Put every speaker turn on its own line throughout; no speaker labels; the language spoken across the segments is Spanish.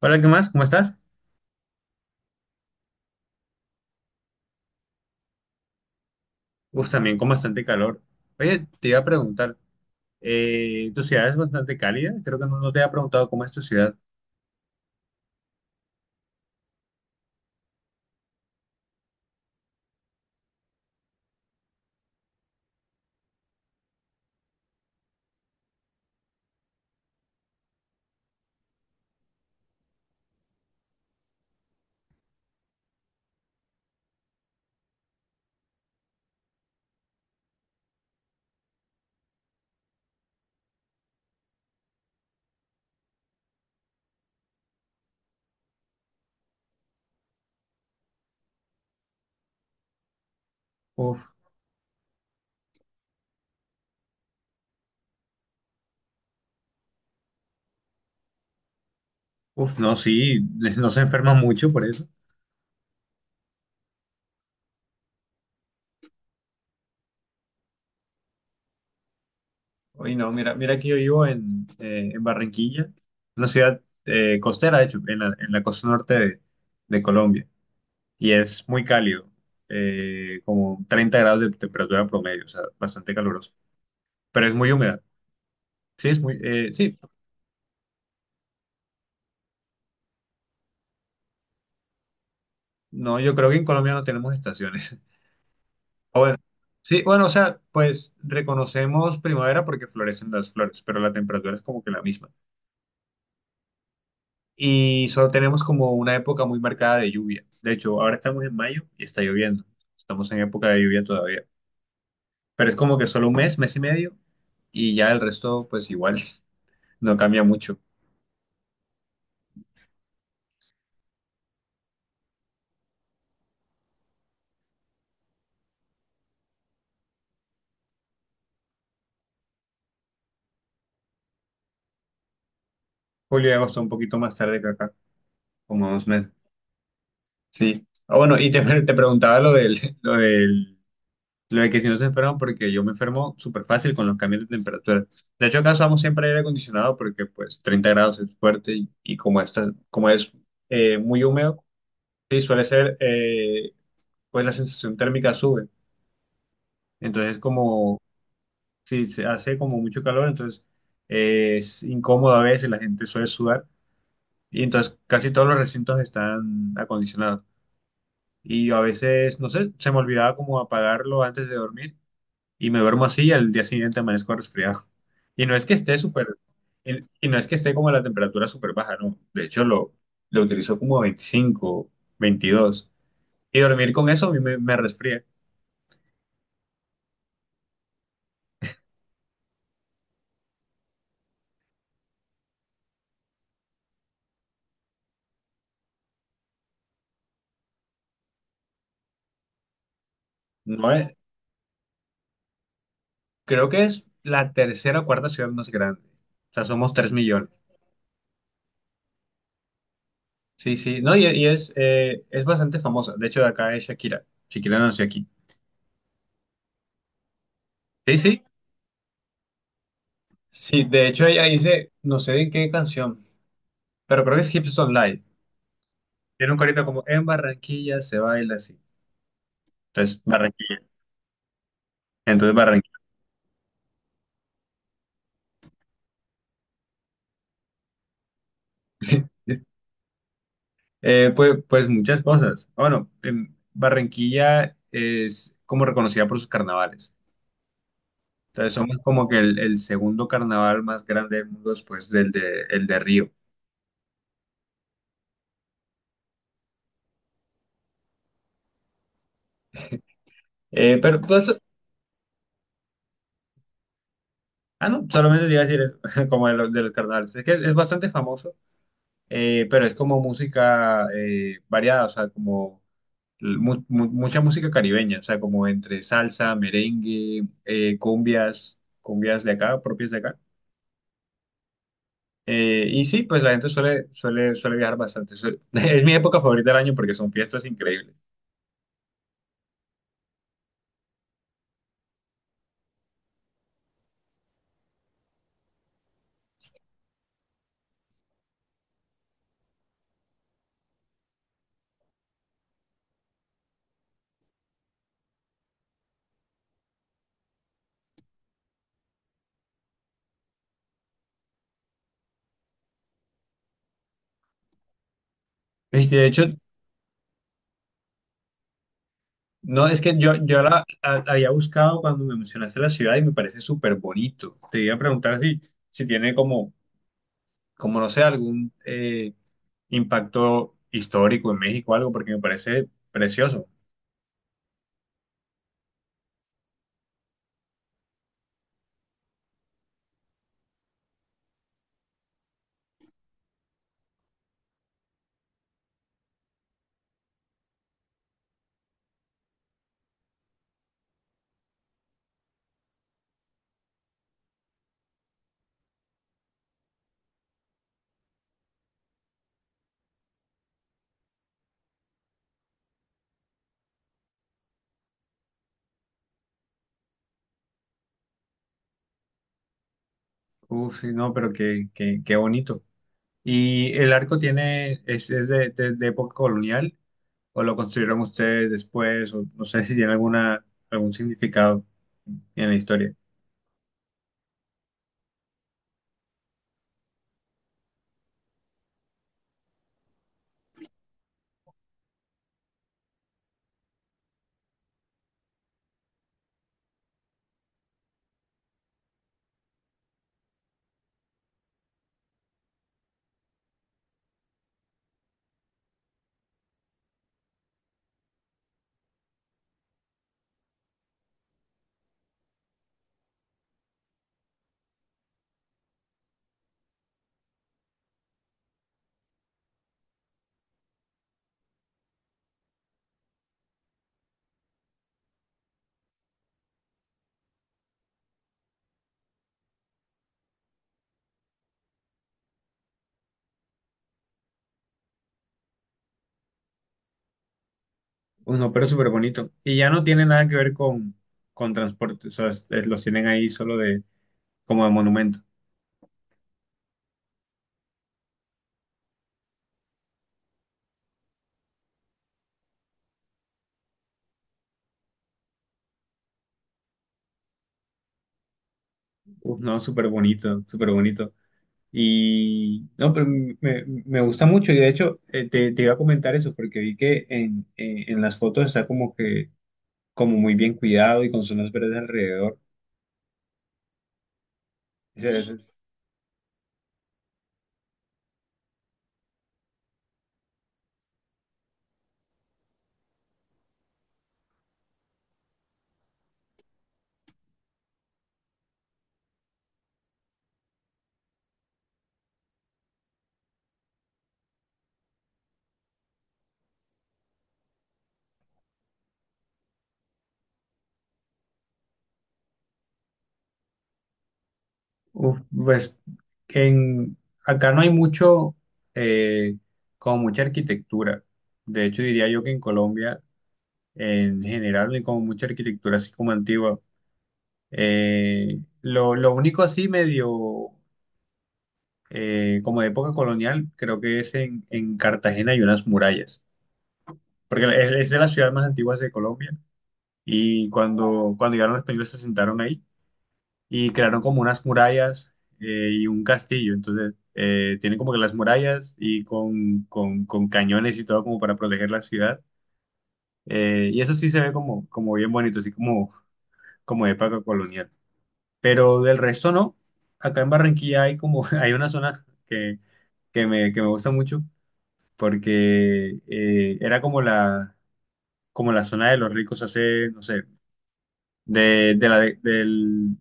Hola, ¿qué más? ¿Cómo estás? Uf, también con bastante calor. Oye, te iba a preguntar, tu ciudad es bastante cálida, creo que no te había preguntado cómo es tu ciudad. Uf, no, sí, no se enferma mucho por eso. Oye no, mira que yo vivo en Barranquilla, una ciudad costera, de hecho, en en la costa norte de Colombia, y es muy cálido, como 30 grados de temperatura promedio, o sea, bastante caluroso, pero es muy húmeda. Sí, es muy, sí, no, yo creo que en Colombia no tenemos estaciones. Ah, bueno, sí, bueno, o sea, pues reconocemos primavera porque florecen las flores, pero la temperatura es como que la misma. Y solo tenemos como una época muy marcada de lluvia. De hecho, ahora estamos en mayo y está lloviendo. Estamos en época de lluvia todavía. Pero es como que solo un mes, mes y medio, y ya el resto, pues igual, no cambia mucho. Julio y agosto un poquito más tarde que acá, como dos meses. Sí. Ah, bueno, y te preguntaba lo lo del lo de que si no se enferman, porque yo me enfermo súper fácil con los cambios de temperatura. De hecho, acá usamos siempre aire acondicionado porque pues 30 grados es fuerte y como, como es muy húmedo, sí, suele ser, pues la sensación térmica sube. Entonces, como si se hace como mucho calor, entonces es incómodo a veces, la gente suele sudar y entonces casi todos los recintos están acondicionados. Y yo a veces, no sé, se me olvidaba como apagarlo antes de dormir y me duermo así y al día siguiente amanezco resfriado. Y no es que esté súper, y no es que esté como a la temperatura súper baja, no. De hecho, lo utilizo como 25 22 y dormir con eso a mí me resfría. No es- Creo que es la tercera o cuarta ciudad más grande. O sea, somos 3 millones. Sí, sí. No, y es bastante famosa. De hecho, de acá es Shakira. Shakira nació aquí. Sí, sí. Sí, de hecho ella dice, no sé en qué canción, pero creo que es Hips Online. Tiene un corito como en Barranquilla se baila así. Entonces, Barranquilla. Entonces, Barranquilla. Pues, pues muchas cosas. Bueno, Barranquilla es como reconocida por sus carnavales. Entonces, somos como que el segundo carnaval más grande del mundo después del el de Río. Pero, pues, ah, no, solamente te iba a decir eso, como de de los carnavales. Es que es bastante famoso, pero es como música variada, o sea, como mucha música caribeña, o sea, como entre salsa, merengue, cumbias, cumbias de acá, propias de acá. Y sí, pues la gente suele viajar bastante. Es mi época favorita del año porque son fiestas increíbles. Y de hecho, no, es que yo la había buscado cuando me mencionaste la ciudad y me parece súper bonito. Te iba a preguntar si, si tiene como, como no sé, algún impacto histórico en México o algo, porque me parece precioso. Uf, sí, no, pero qué bonito. Y el arco tiene, es de, de época colonial, o lo construyeron ustedes después, o no sé si tiene alguna, algún significado en la historia. Uno, pero súper bonito. Y ya no tiene nada que ver con transporte, o sea, los tienen ahí solo de, como de monumento. Uf, no, súper bonito, súper bonito. Y no, pero me gusta mucho. Y de hecho, te, te iba a comentar eso, porque vi que en, en las fotos está como que, como muy bien cuidado y con zonas verdes alrededor. Sí, eso es. Uf, pues en, acá no hay mucho, eh, como mucha arquitectura. De hecho, diría yo que en Colombia, en general, no hay como mucha arquitectura así como antigua. Lo único así medio, como de época colonial, creo que es en Cartagena hay unas murallas, porque es de las ciudades más antiguas de Colombia y cuando, cuando llegaron los españoles se sentaron ahí y crearon como unas murallas y un castillo. Entonces, tienen como que las murallas y con, con cañones y todo como para proteger la ciudad. Y eso sí se ve como, como bien bonito, así como, como de época colonial. Pero del resto no. Acá en Barranquilla hay como, hay una zona que que me gusta mucho porque era como como la zona de los ricos hace, no sé, de del,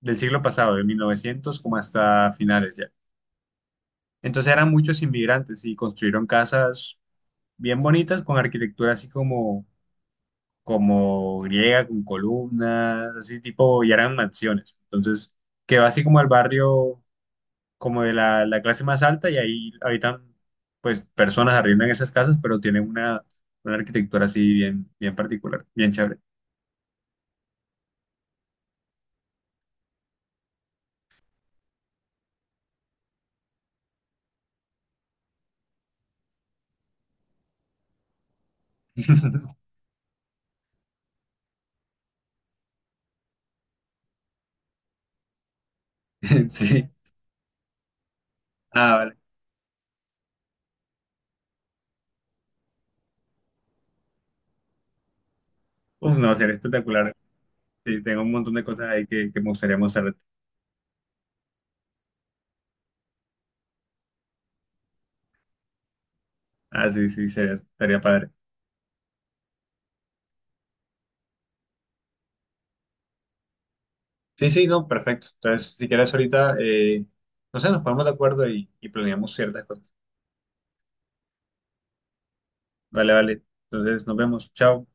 del siglo pasado, de 1900 como hasta finales ya. Entonces eran muchos inmigrantes y construyeron casas bien bonitas con arquitectura así como, como griega, con columnas, así tipo, y eran mansiones. Entonces quedó así como el barrio, como de la clase más alta y ahí habitan pues personas arriendan esas casas, pero tienen una arquitectura así bien, bien particular, bien chévere. Sí. Ah, vale. Uf, no, sería espectacular. Sí, tengo un montón de cosas ahí que me gustaría mostrarte. Ah, sí, sí, sería, estaría padre. Sí, sí, no, perfecto. Entonces, si quieres ahorita, no sé, nos ponemos de acuerdo y planeamos ciertas cosas. Vale, vale. Entonces, nos vemos. Chao.